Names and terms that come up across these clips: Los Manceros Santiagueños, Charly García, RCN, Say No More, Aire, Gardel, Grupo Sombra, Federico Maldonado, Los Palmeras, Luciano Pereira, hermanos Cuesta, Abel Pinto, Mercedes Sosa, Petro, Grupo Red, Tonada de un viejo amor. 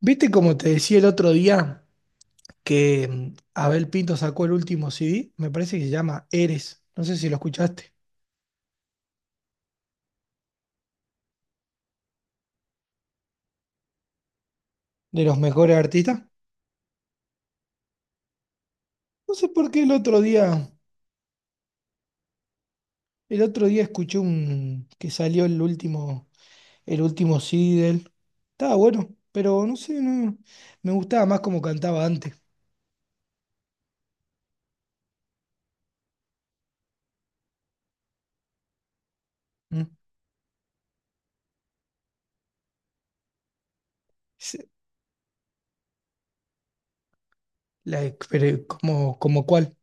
¿Viste como te decía el otro día que Abel Pinto sacó el último CD? Me parece que se llama Eres. No sé si lo escuchaste. De los mejores artistas. No sé por qué el otro día escuché un que salió el último CD de él. Estaba bueno, pero no sé, no, me gustaba más como cantaba antes. ¿Mm? Se- pero como, como cuál.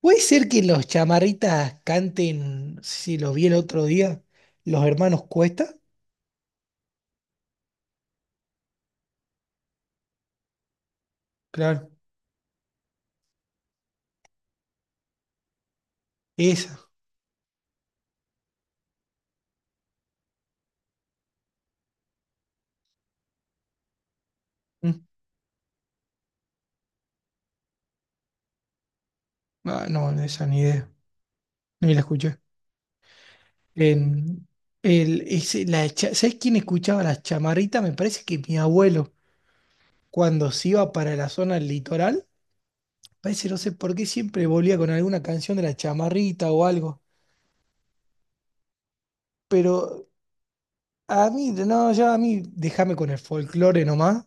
¿Puede ser que los chamarritas canten, si lo vi el otro día, los hermanos Cuesta? Claro. Esa. mm, ah, no, esa ni idea. Ni la escuché. En, el, ese- la cha- ¿Sabés quién escuchaba las chamarritas? Me parece que mi abuelo, cuando se iba para la zona del litoral, parece, no sé por qué, siempre volvía con alguna canción de la chamarrita o algo. Pero a mí, no, ya a mí, déjame con el folclore nomás.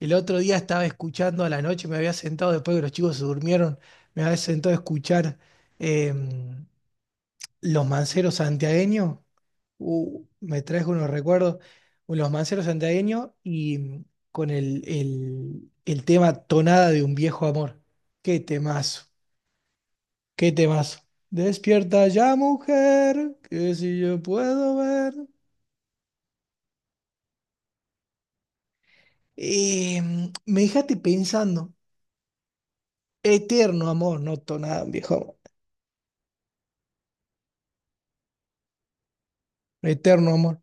El otro día estaba escuchando a la noche, me había sentado después que los chicos se durmieron, me había sentado a escuchar em, Los Manceros Santiagueños. Me traes unos recuerdos, los manceros santiagueños y con el tema Tonada de un viejo amor. Qué temazo, qué temazo. Despierta ya, mujer, que si yo puedo ver. Me dejaste pensando, eterno amor, no Tonada de un viejo amor, eterno amor.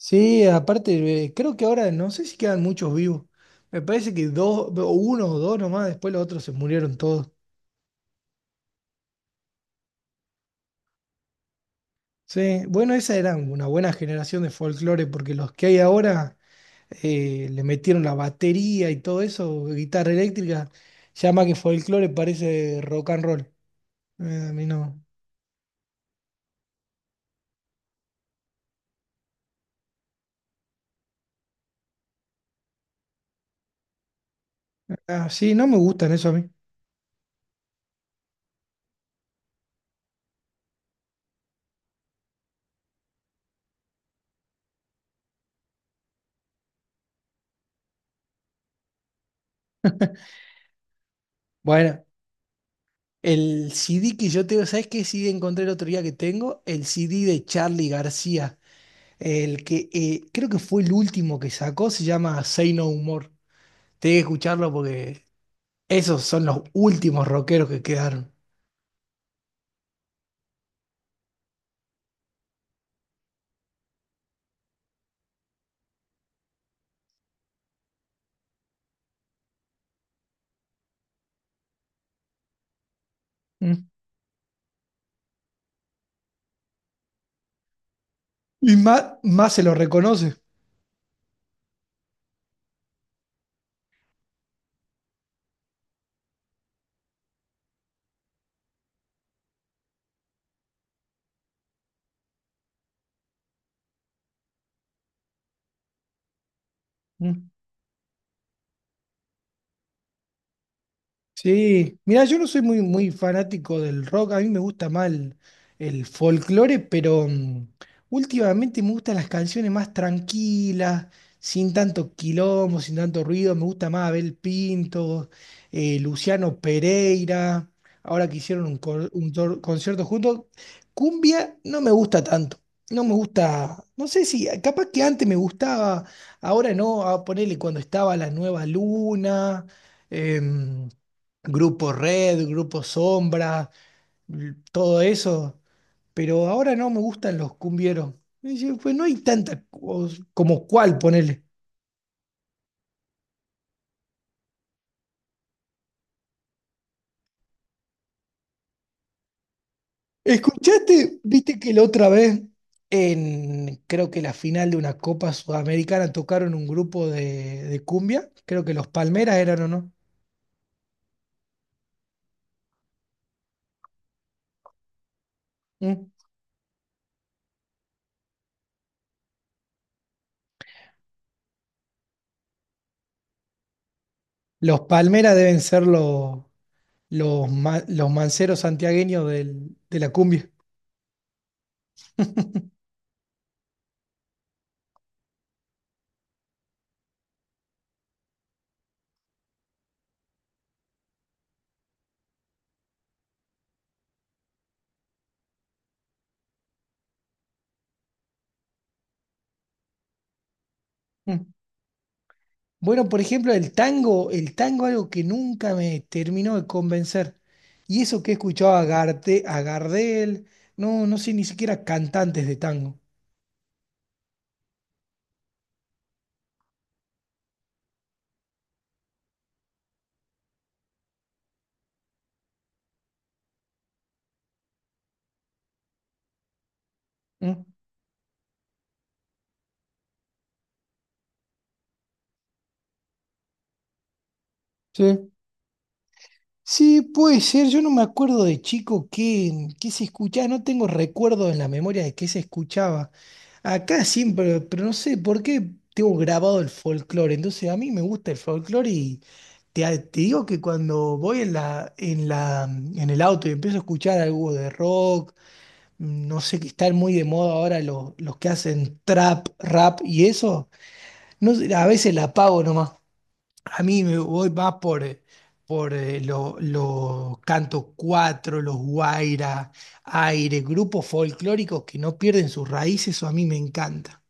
Sí, aparte, creo que ahora no sé si quedan muchos vivos. Me parece que dos, o uno o dos nomás, después los otros se murieron todos. Sí, bueno, esa era una buena generación de folclore, porque los que hay ahora le metieron la batería y todo eso, guitarra eléctrica, ya más que folclore parece rock and roll. A mí no. Ah, sí, no me gustan eso a mí. Bueno, el CD que yo tengo, ¿sabes qué CD encontré el otro día que tengo? El CD de Charly García, el que creo que fue el último que sacó, se llama Say No More. Tengo que escucharlo porque esos son los últimos rockeros que quedaron. Y más, más se lo reconoce. Mm. Sí, mira, yo no soy muy, muy fanático del rock, a mí me gusta más el folclore, pero últimamente me gustan las canciones más tranquilas, sin tanto quilombo, sin tanto ruido, me gusta más Abel Pinto, Luciano Pereira, ahora que hicieron un, concierto juntos, cumbia no me gusta tanto, no me gusta, no sé si, capaz que antes me gustaba, ahora no, a ponerle cuando estaba la nueva luna. em, Grupo Red, Grupo Sombra, todo eso. Pero ahora no me gustan los cumbieros. Y yo, pues no hay tanta como cuál, ponele. ¿Escuchaste? ¿Viste que la otra vez, en creo que la final de una Copa Sudamericana, tocaron un grupo de cumbia? Creo que los Palmeras eran o no. ¿Mm? Los Palmeras deben ser los, los manceros santiagueños de la cumbia. ¿Mm? Bueno, por ejemplo, el tango algo que nunca me terminó de convencer. Y eso que he escuchado a Gardel, no, no sé ni siquiera cantantes de tango. ¿Mm? Sí. Sí, puede ser. Yo no me acuerdo de chico qué, qué se escuchaba. No tengo recuerdo en la memoria de qué se escuchaba. Acá siempre, pero no sé por qué tengo grabado el folclore. Entonces a mí me gusta el folclore y te digo que cuando voy en en el auto y empiezo a escuchar algo de rock, no sé, que están muy de moda ahora los que hacen trap, rap y eso, no, sé, a veces la apago nomás. A mí me voy más por, los cantos cuatro, los guaira, aire, grupos folclóricos que no pierden sus raíces, eso a mí me encanta.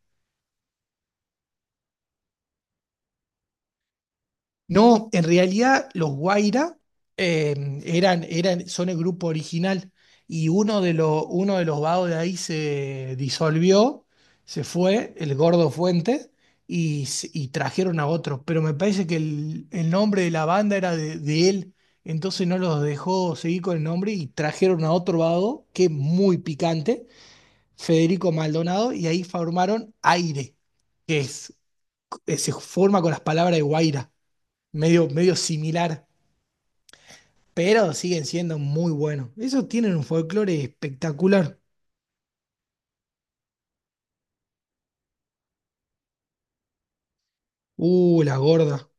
No, en realidad los Guaira eh, eran, son el grupo original y uno de los vagos de ahí se disolvió, se fue, el Gordo Fuente, y trajeron a otro. Pero me parece que el nombre de la banda era de él, entonces no los dejó seguir con el nombre y trajeron a otro vago que es muy picante, Federico Maldonado, y ahí formaron Aire, que es, que se forma con las palabras de Guaira medio, medio similar, pero siguen siendo muy buenos. Esos tienen un folclore espectacular. La gorda.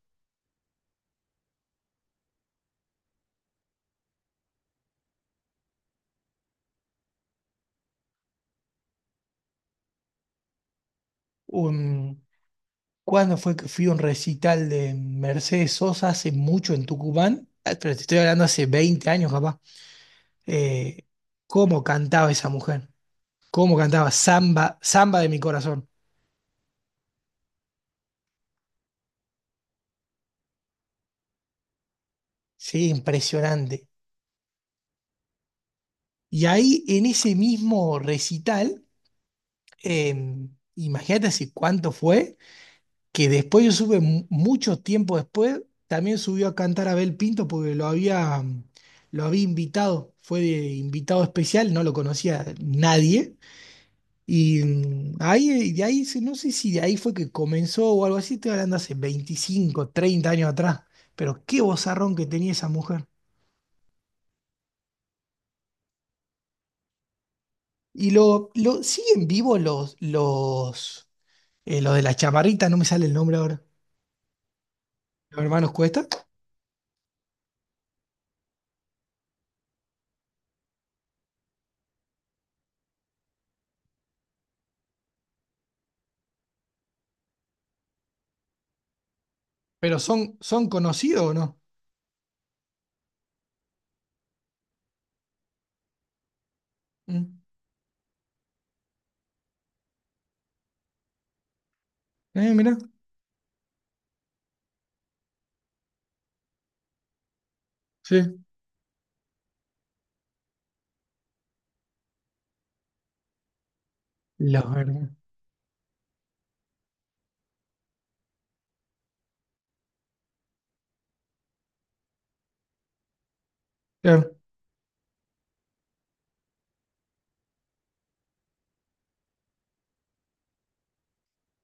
Un, ¿cuándo fue que fui a un recital de Mercedes Sosa hace mucho en Tucumán? Ah, pero te estoy hablando hace 20 años, capaz. Eh, ¿Cómo cantaba esa mujer? ¿Cómo cantaba? Samba, samba de mi corazón. Sí, impresionante. Y ahí en ese mismo recital, eh, imagínate hace cuánto fue que después yo supe mucho tiempo después, también subió a cantar Abel Pinto porque lo había invitado, fue de invitado especial, no lo conocía nadie. Y ahí, de ahí, no sé si de ahí fue que comenzó o algo así, estoy hablando hace 25 30 años atrás, pero qué vozarrón que tenía esa mujer. Y lo siguen vivos los de la chamarrita, no me sale el nombre ahora, los hermanos Cuesta, pero son, son conocidos o no. Mm. Mirá. Sí, los hermanos. Claro,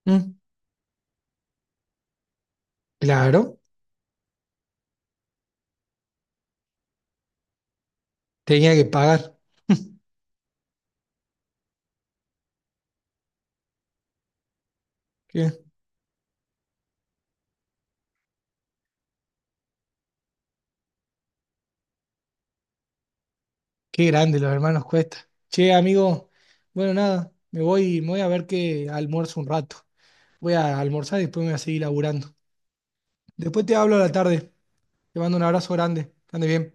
mm, claro, tenía que pagar. Qué, qué grande los hermanos Cuesta. Che, amigo, bueno, nada, me voy a ver que almuerzo un rato. Voy a almorzar y después me voy a seguir laburando. Después te hablo a la tarde. Te mando un abrazo grande. Que ande bien.